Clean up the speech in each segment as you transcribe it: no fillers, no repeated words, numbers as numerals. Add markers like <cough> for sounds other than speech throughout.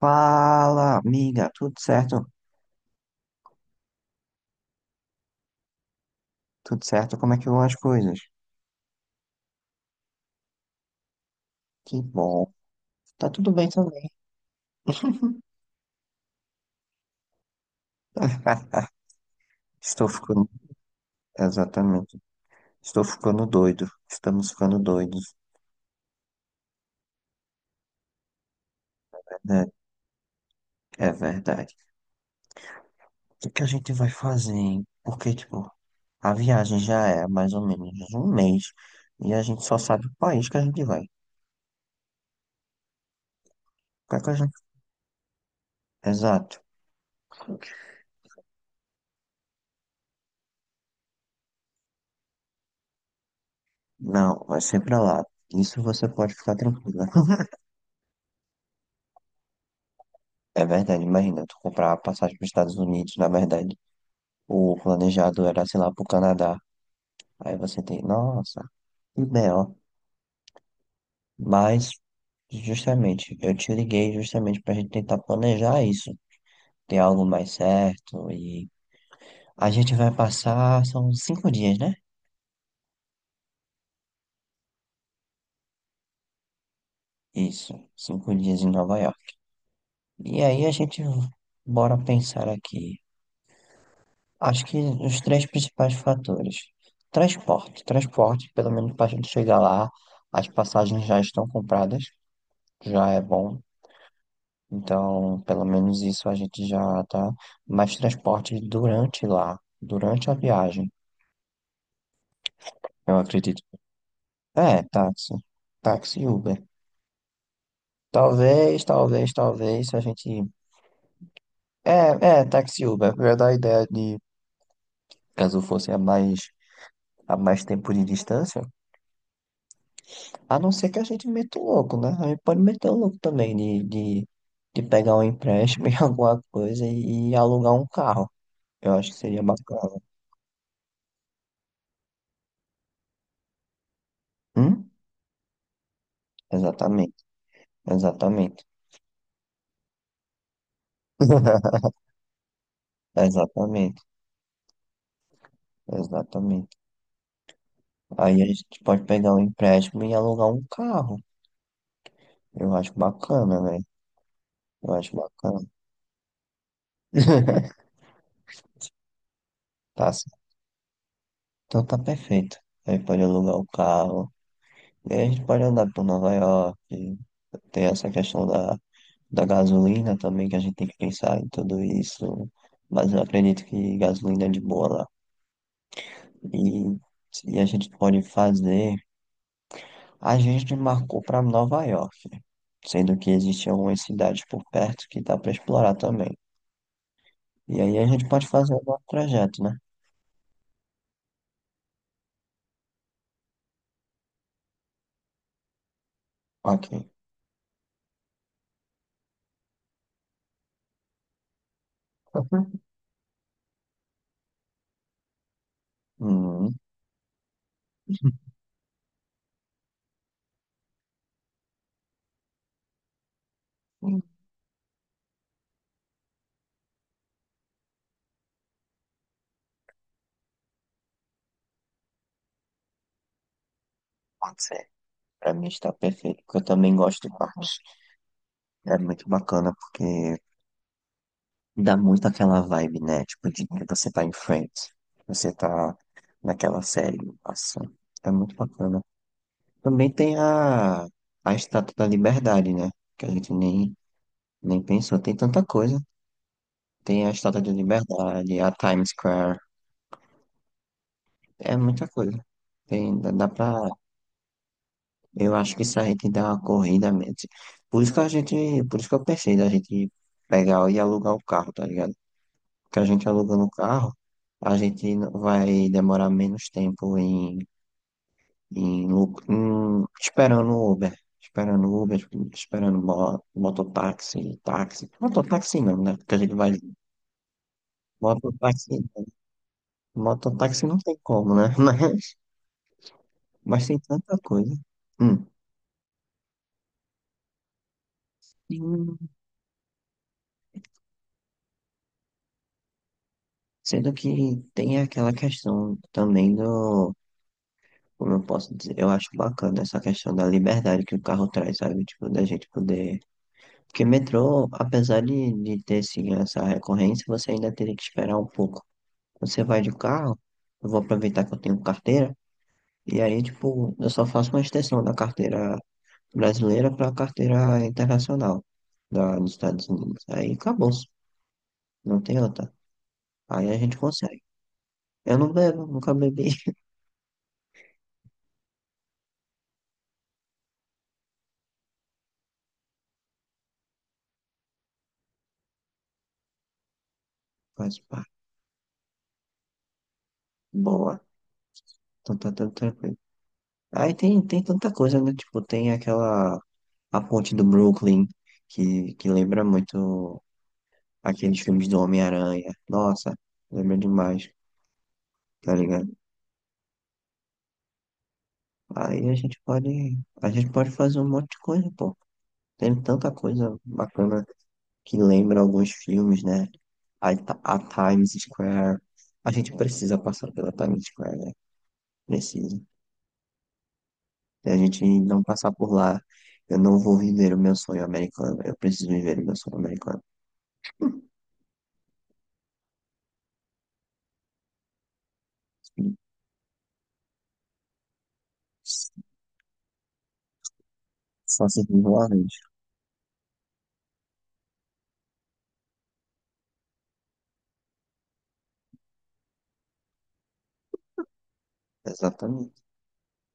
Fala, amiga, tudo certo? Tudo certo? Como é que vão as coisas? Que bom. Tá tudo bem também. <laughs> Estou ficando. Exatamente. Estou ficando doido. Estamos ficando doidos. É verdade. É verdade. O que a gente vai fazer, hein? Porque, tipo, a viagem já é mais ou menos um mês e a gente só sabe o país que a gente vai. O que é que a gente... Exato. Não, vai ser pra lá. Isso você pode ficar tranquila. <laughs> É verdade, imagina, tu comprar a passagem para os Estados Unidos, na verdade. O planejado era, sei lá, pro Canadá. Aí você tem, nossa, que B.O. Mas, justamente, eu te liguei justamente pra gente tentar planejar isso. Ter algo mais certo e... A gente vai passar, são 5 dias, né? Isso, 5 dias em Nova York. E aí a gente, bora pensar aqui. Acho que os três principais fatores. Transporte. Transporte, pelo menos para a gente chegar lá, as passagens já estão compradas. Já é bom. Então, pelo menos isso a gente já tá. Mais transporte durante lá, durante a viagem, eu acredito. É, táxi. Táxi e Uber. Talvez, talvez, talvez, se a gente. É, é, táxi e Uber. Eu ia dar a ideia de, caso fosse a mais tempo de distância, a não ser que a gente meta o louco, né? A gente pode meter o louco também de pegar um empréstimo <laughs> em alguma coisa e alugar um carro. Eu acho que seria bacana. Hum? Exatamente, exatamente. <laughs> Exatamente, exatamente. Aí a gente pode pegar um empréstimo e alugar um carro. Eu acho bacana, velho. Eu acho bacana. <laughs> Tá, certo. Então tá perfeito. Aí pode alugar o carro. E aí a gente pode andar por Nova York. Tem essa questão da gasolina também, que a gente tem que pensar em tudo isso. Mas eu acredito que gasolina é de boa lá. E, e a gente pode fazer. A gente marcou para Nova York, sendo que existem algumas cidades por perto que dá para explorar também. E aí a gente pode fazer o nosso trajeto, né? Ok. <laughs> Uhum. Hum, pode ser. Para mim está perfeito, porque eu também gosto de parques. É muito bacana porque dá muito aquela vibe, né? Tipo, de que você tá em frente, você tá naquela série, nossa, é muito bacana. Também tem a Estátua da Liberdade, né? Que a gente nem pensou, tem tanta coisa. Tem a Estátua da Liberdade, a Times Square, é muita coisa. Tem, dá pra, eu acho que se a gente der uma corrida mesmo. Por isso que a gente, por isso que eu pensei da gente pegar e alugar o carro, tá ligado? Porque a gente alugando o carro, a gente vai demorar menos tempo em, esperando o Uber. Esperando o Uber, esperando mototáxi, táxi. Mototáxi não, né? Porque a gente vai. Mototáxi, mototáxi não tem como, né? <laughs> Mas tem tanta coisa. Hum. Tem- Sendo que tem aquela questão também do. Como eu posso dizer? Eu acho bacana essa questão da liberdade que o carro traz, sabe? Tipo, da gente poder. Porque metrô, apesar de ter sim essa recorrência, você ainda teria que esperar um pouco. Você vai de carro, eu vou aproveitar que eu tenho carteira, e aí, tipo, eu só faço uma extensão da carteira brasileira para a carteira internacional dos Estados Unidos. Aí acabou, não tem outra. Aí a gente consegue. Eu não bebo, nunca bebi. <laughs> Faz parte. Boa. Então tá tudo tranquilo. Aí tem tanta coisa, né? Tipo, tem aquela... A ponte do Brooklyn, que lembra muito aqueles filmes do Homem-Aranha. Nossa, lembra demais, tá ligado? Aí a gente pode... A gente pode fazer um monte de coisa, pô. Tem tanta coisa bacana que lembra alguns filmes, né? A, a Times Square. A gente precisa passar pela Times Square, né? Precisa. Se a gente não passar por lá, eu não vou viver o meu sonho americano. Eu preciso viver o meu sonho americano. Só se vive uma vez. Exatamente.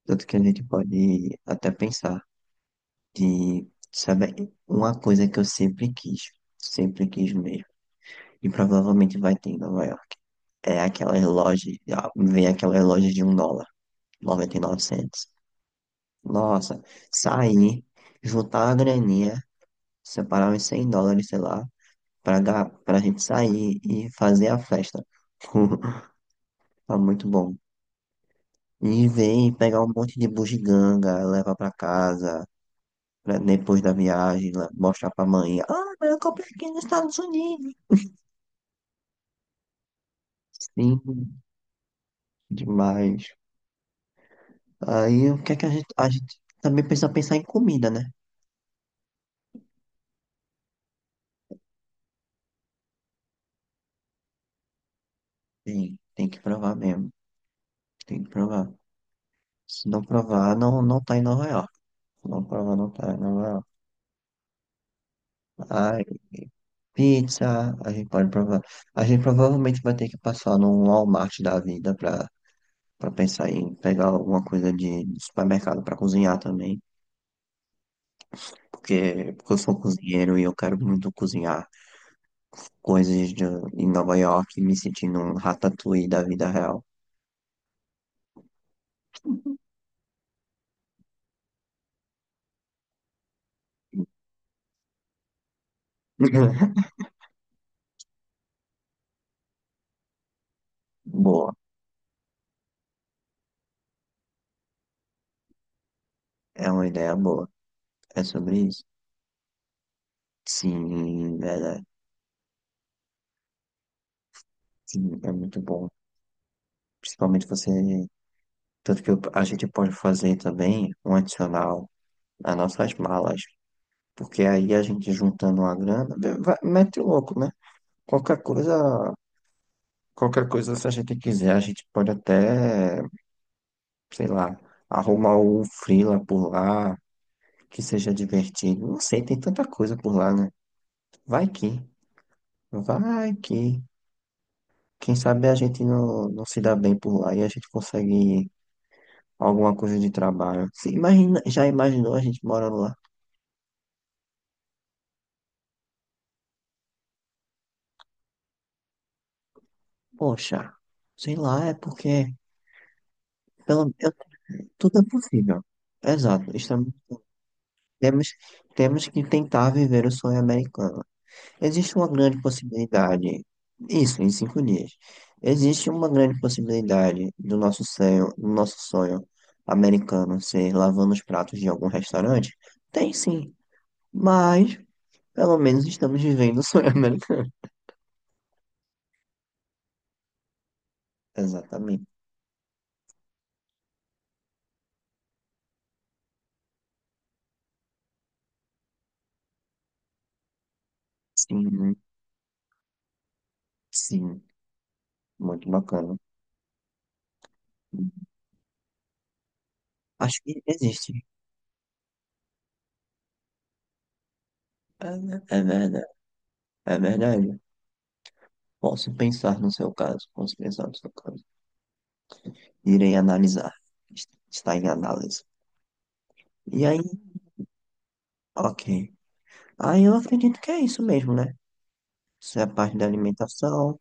Tanto que a gente pode até pensar de, sabe, uma coisa que eu sempre quis mesmo, e provavelmente vai ter em Nova York, é aquelas lojas, ah, vem aquelas lojas de US$ 1, 99 centos. Nossa, sair, juntar a graninha, separar uns US$ 100, sei lá, pra gente sair e fazer a festa. <laughs> Tá muito bom. E vem pegar um monte de bugiganga, leva pra casa, pra depois da viagem, mostrar pra mãe. Ah, mas eu comprei aqui nos Estados Unidos. Sim, demais. Aí o que é que a gente também precisa pensar em comida, né? Tem que provar mesmo. Tem que provar. Se não provar, não, não tá em Nova York. Se não provar, não tá em Nova York. Ah, Pizza, a gente pode provar. A gente provavelmente vai ter que passar num Walmart da vida pra pensar em pegar alguma coisa de supermercado pra cozinhar também. Porque eu sou cozinheiro e eu quero muito cozinhar coisas de, em Nova York, me sentindo um ratatouille da vida real. <laughs> Boa, é uma ideia boa. É sobre isso? Sim, verdade. Sim, é muito bom. Principalmente você. Tanto que a gente pode fazer também um adicional nas nossas malas. Porque aí a gente juntando uma grana, mete o louco, né? Qualquer coisa, qualquer coisa, se a gente quiser, a gente pode até, sei lá, arrumar um freela por lá, que seja divertido. Não sei, tem tanta coisa por lá, né? Vai que, vai que. Quem sabe a gente não, não se dá bem por lá e a gente consegue alguma coisa de trabalho. Se imagina, já imaginou a gente morando lá? Poxa, sei lá, é porque pelo, eu- tudo é possível. Exato, isso é. Temos, temos que tentar viver o sonho americano. Existe uma grande possibilidade, isso em 5 dias, existe uma grande possibilidade do nosso sonho americano ser lavando os pratos de algum restaurante? Tem sim, mas pelo menos estamos vivendo o sonho <laughs> americano. Exatamente. Sim, sim, muito bacana. Acho que existe. É, é verdade, é verdade. Posso pensar no seu caso, posso pensar no seu caso. Irei analisar. Está em análise. E aí, ok. Aí eu acredito que é isso mesmo, né? Isso é a parte da alimentação.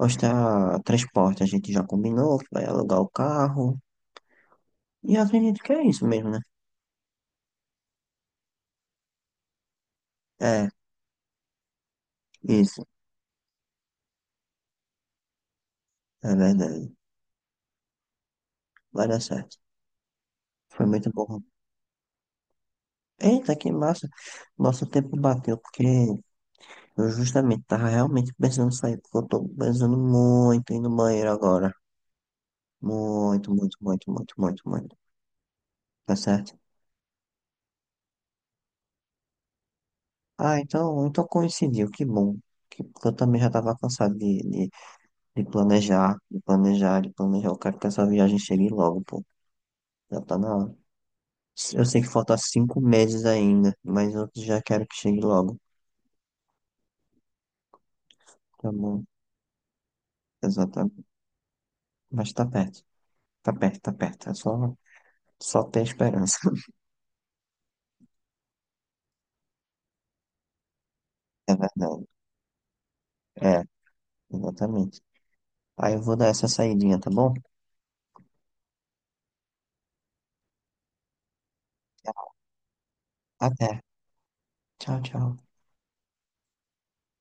Mostrar transporte, a gente já combinou que vai alugar o carro. E eu acredito que é isso mesmo, né? É, isso. É verdade. Vai dar certo. Foi muito bom. Eita, que massa. Nosso tempo bateu, porque eu justamente tava realmente pensando em sair, porque eu tô pensando muito em ir no banheiro agora. Muito, muito, muito, muito, muito, muito. Tá certo? Ah, então coincidiu, que bom. Porque eu também já estava cansado de planejar, de planejar, de planejar. Eu quero que essa viagem chegue logo, pô. Já tá na hora. Eu sei que falta 5 meses ainda, mas eu já quero que chegue logo. Tá bom, exatamente. Mas tá perto, tá perto, tá perto. É só, só ter esperança. <laughs> É verdade. É, exatamente. Aí eu vou dar essa saidinha, tá bom? Até. Tchau, tchau.